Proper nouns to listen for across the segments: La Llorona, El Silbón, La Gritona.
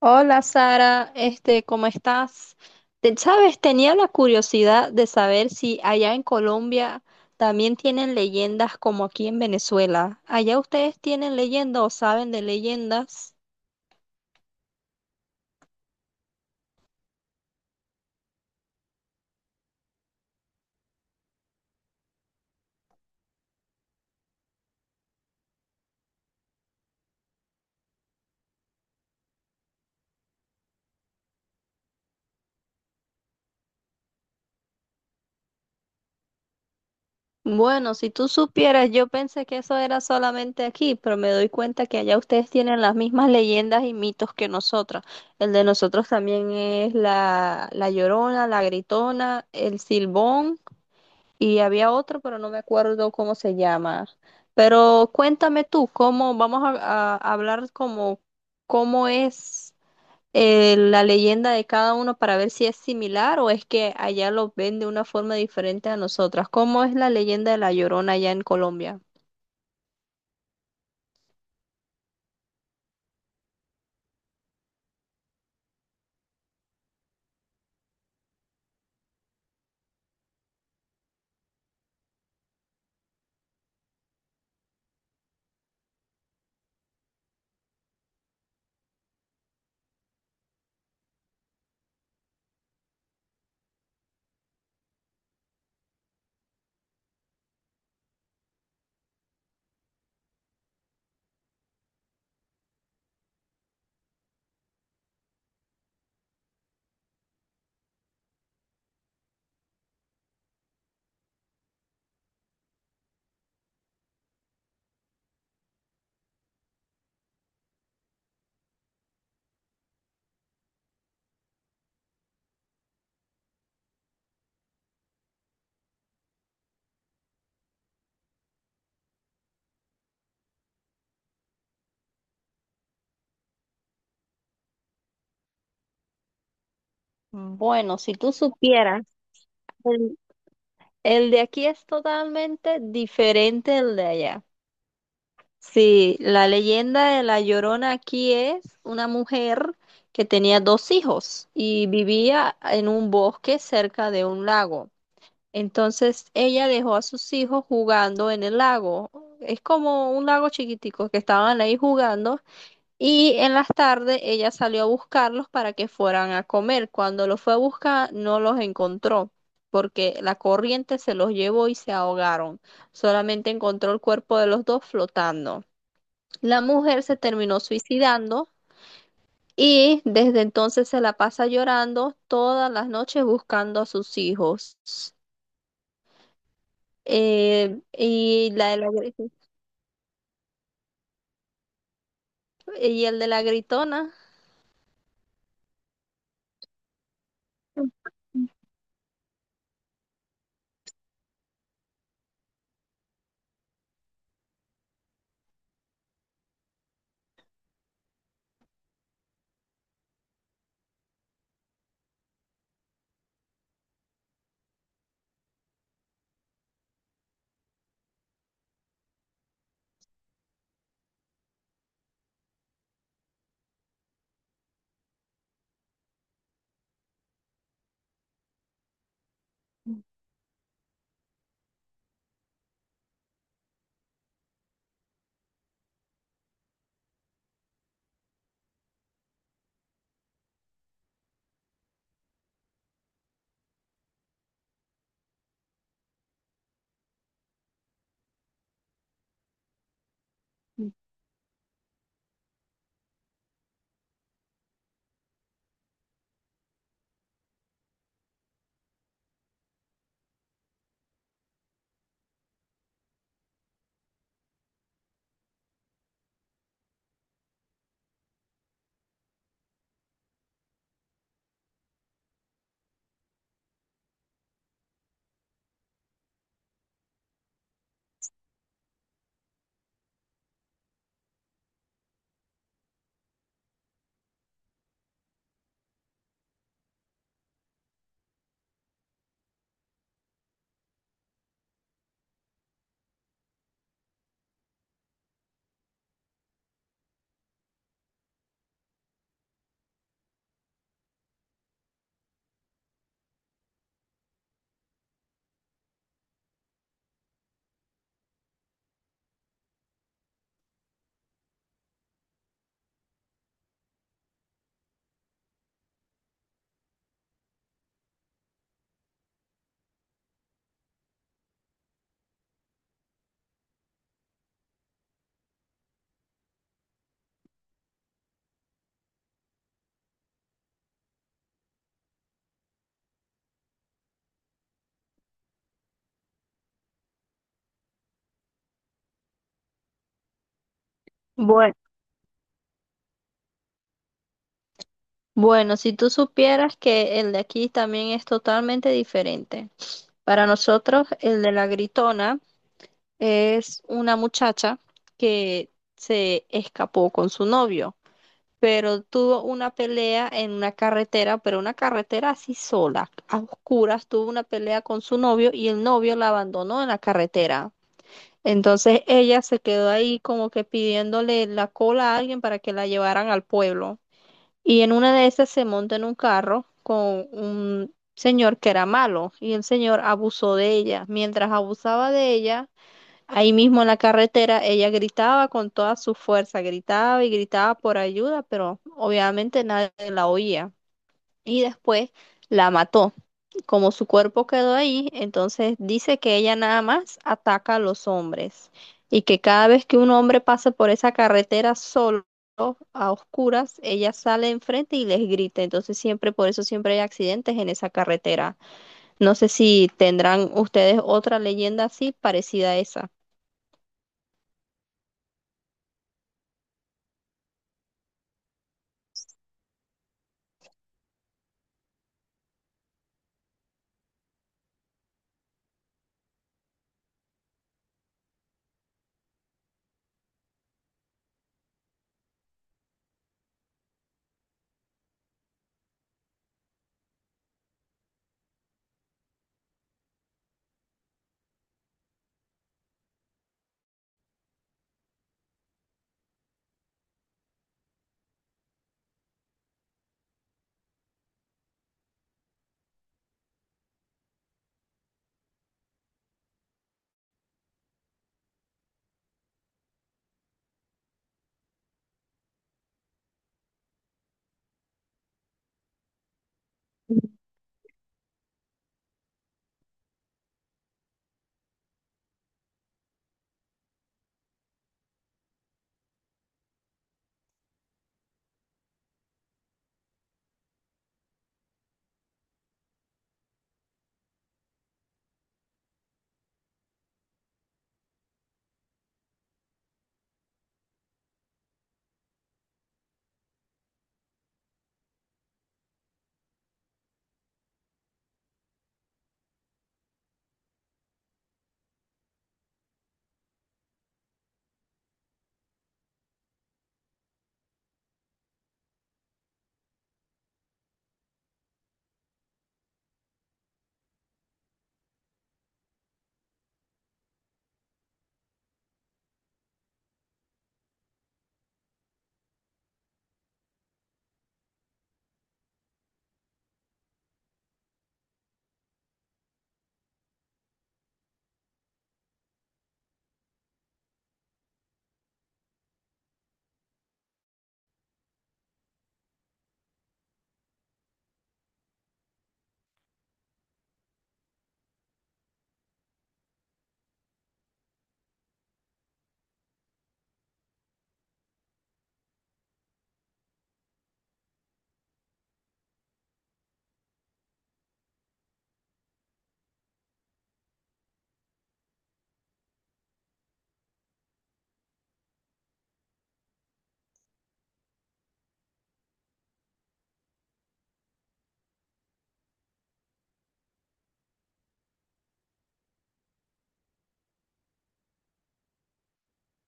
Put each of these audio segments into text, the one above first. Hola Sara, ¿cómo estás? Sabes, tenía la curiosidad de saber si allá en Colombia también tienen leyendas como aquí en Venezuela. ¿Allá ustedes tienen leyendas o saben de leyendas? Bueno, si tú supieras, yo pensé que eso era solamente aquí, pero me doy cuenta que allá ustedes tienen las mismas leyendas y mitos que nosotras. El de nosotros también es la Llorona, la Gritona, el Silbón. Y había otro, pero no me acuerdo cómo se llama. Pero cuéntame tú, cómo, vamos a hablar como cómo es la leyenda de cada uno para ver si es similar o es que allá lo ven de una forma diferente a nosotras. ¿Cómo es la leyenda de La Llorona allá en Colombia? Bueno, si tú supieras, el, el de aquí es totalmente diferente del de allá. Sí, la leyenda de la Llorona aquí es una mujer que tenía dos hijos y vivía en un bosque cerca de un lago. Entonces ella dejó a sus hijos jugando en el lago. Es como un lago chiquitico que estaban ahí jugando y en las tardes ella salió a buscarlos para que fueran a comer. Cuando los fue a buscar no los encontró porque la corriente se los llevó y se ahogaron. Solamente encontró el cuerpo de los dos flotando. La mujer se terminó suicidando y desde entonces se la pasa llorando todas las noches buscando a sus hijos. Eh, y la de la gri- y el de la gritona. Bueno. Bueno, si tú supieras que el de aquí también es totalmente diferente. Para nosotros, el de la gritona es una muchacha que se escapó con su novio, pero tuvo una pelea en una carretera, pero una carretera así sola, a oscuras, tuvo una pelea con su novio y el novio la abandonó en la carretera. Entonces ella se quedó ahí como que pidiéndole la cola a alguien para que la llevaran al pueblo. Y en una de esas se monta en un carro con un señor que era malo y el señor abusó de ella. Mientras abusaba de ella, ahí mismo en la carretera ella gritaba con toda su fuerza, gritaba y gritaba por ayuda, pero obviamente nadie la oía. Y después la mató. Como su cuerpo quedó ahí, entonces dice que ella nada más ataca a los hombres y que cada vez que un hombre pasa por esa carretera solo, a oscuras, ella sale enfrente y les grita. Entonces siempre, por eso siempre hay accidentes en esa carretera. No sé si tendrán ustedes otra leyenda así parecida a esa.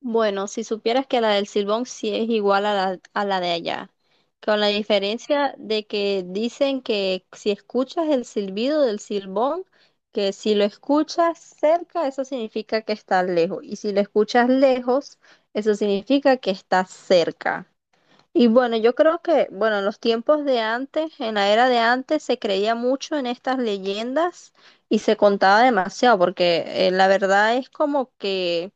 Bueno, si supieras que la del Silbón sí es igual a la de allá, con la diferencia de que dicen que si escuchas el silbido del Silbón, que si lo escuchas cerca, eso significa que está lejos, y si lo escuchas lejos, eso significa que está cerca. Y bueno, yo creo que, bueno, en los tiempos de antes, en la era de antes, se creía mucho en estas leyendas y se contaba demasiado, porque la verdad es como que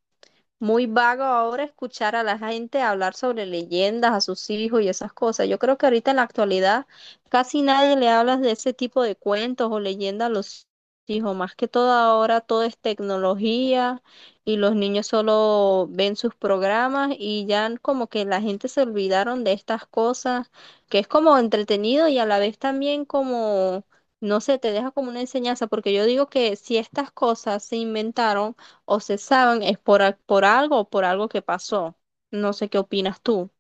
muy vago ahora escuchar a la gente hablar sobre leyendas a sus hijos y esas cosas. Yo creo que ahorita en la actualidad casi nadie le habla de ese tipo de cuentos o leyendas a los hijos. Más que todo ahora todo es tecnología y los niños solo ven sus programas y ya como que la gente se olvidaron de estas cosas, que es como entretenido y a la vez también como... No sé, te deja como una enseñanza, porque yo digo que si estas cosas se inventaron o cesaron es por, por algo o por algo que pasó. No sé qué opinas tú.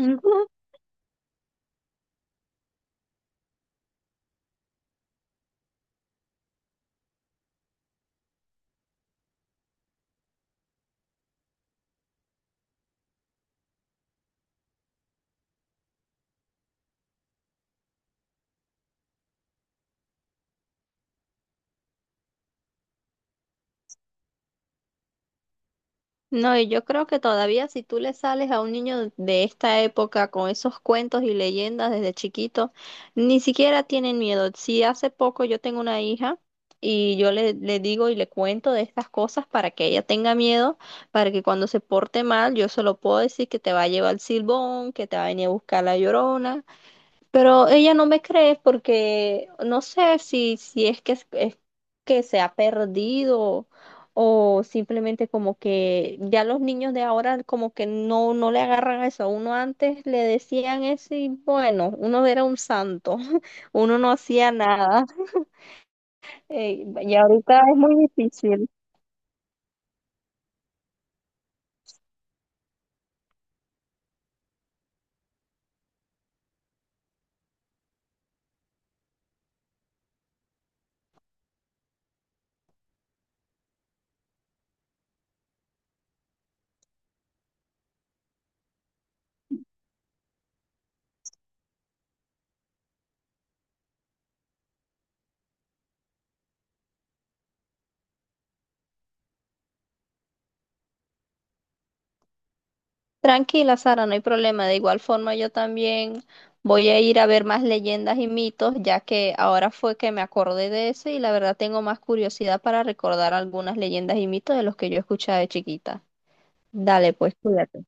Ujú. No, y yo creo que todavía si tú le sales a un niño de esta época con esos cuentos y leyendas desde chiquito, ni siquiera tienen miedo. Si hace poco yo tengo una hija y yo le digo y le cuento de estas cosas para que ella tenga miedo, para que cuando se porte mal yo se lo puedo decir que te va a llevar el silbón, que te va a venir a buscar la llorona. Pero ella no me cree porque no sé si es que, es que se ha perdido o simplemente como que ya los niños de ahora como que no, no le agarran a eso. Uno antes le decían eso y bueno, uno era un santo, uno no hacía nada. Y ahorita es muy difícil. Tranquila, Sara, no hay problema. De igual forma, yo también voy a ir a ver más leyendas y mitos, ya que ahora fue que me acordé de eso y la verdad tengo más curiosidad para recordar algunas leyendas y mitos de los que yo escuchaba de chiquita. Dale, pues, cuídate.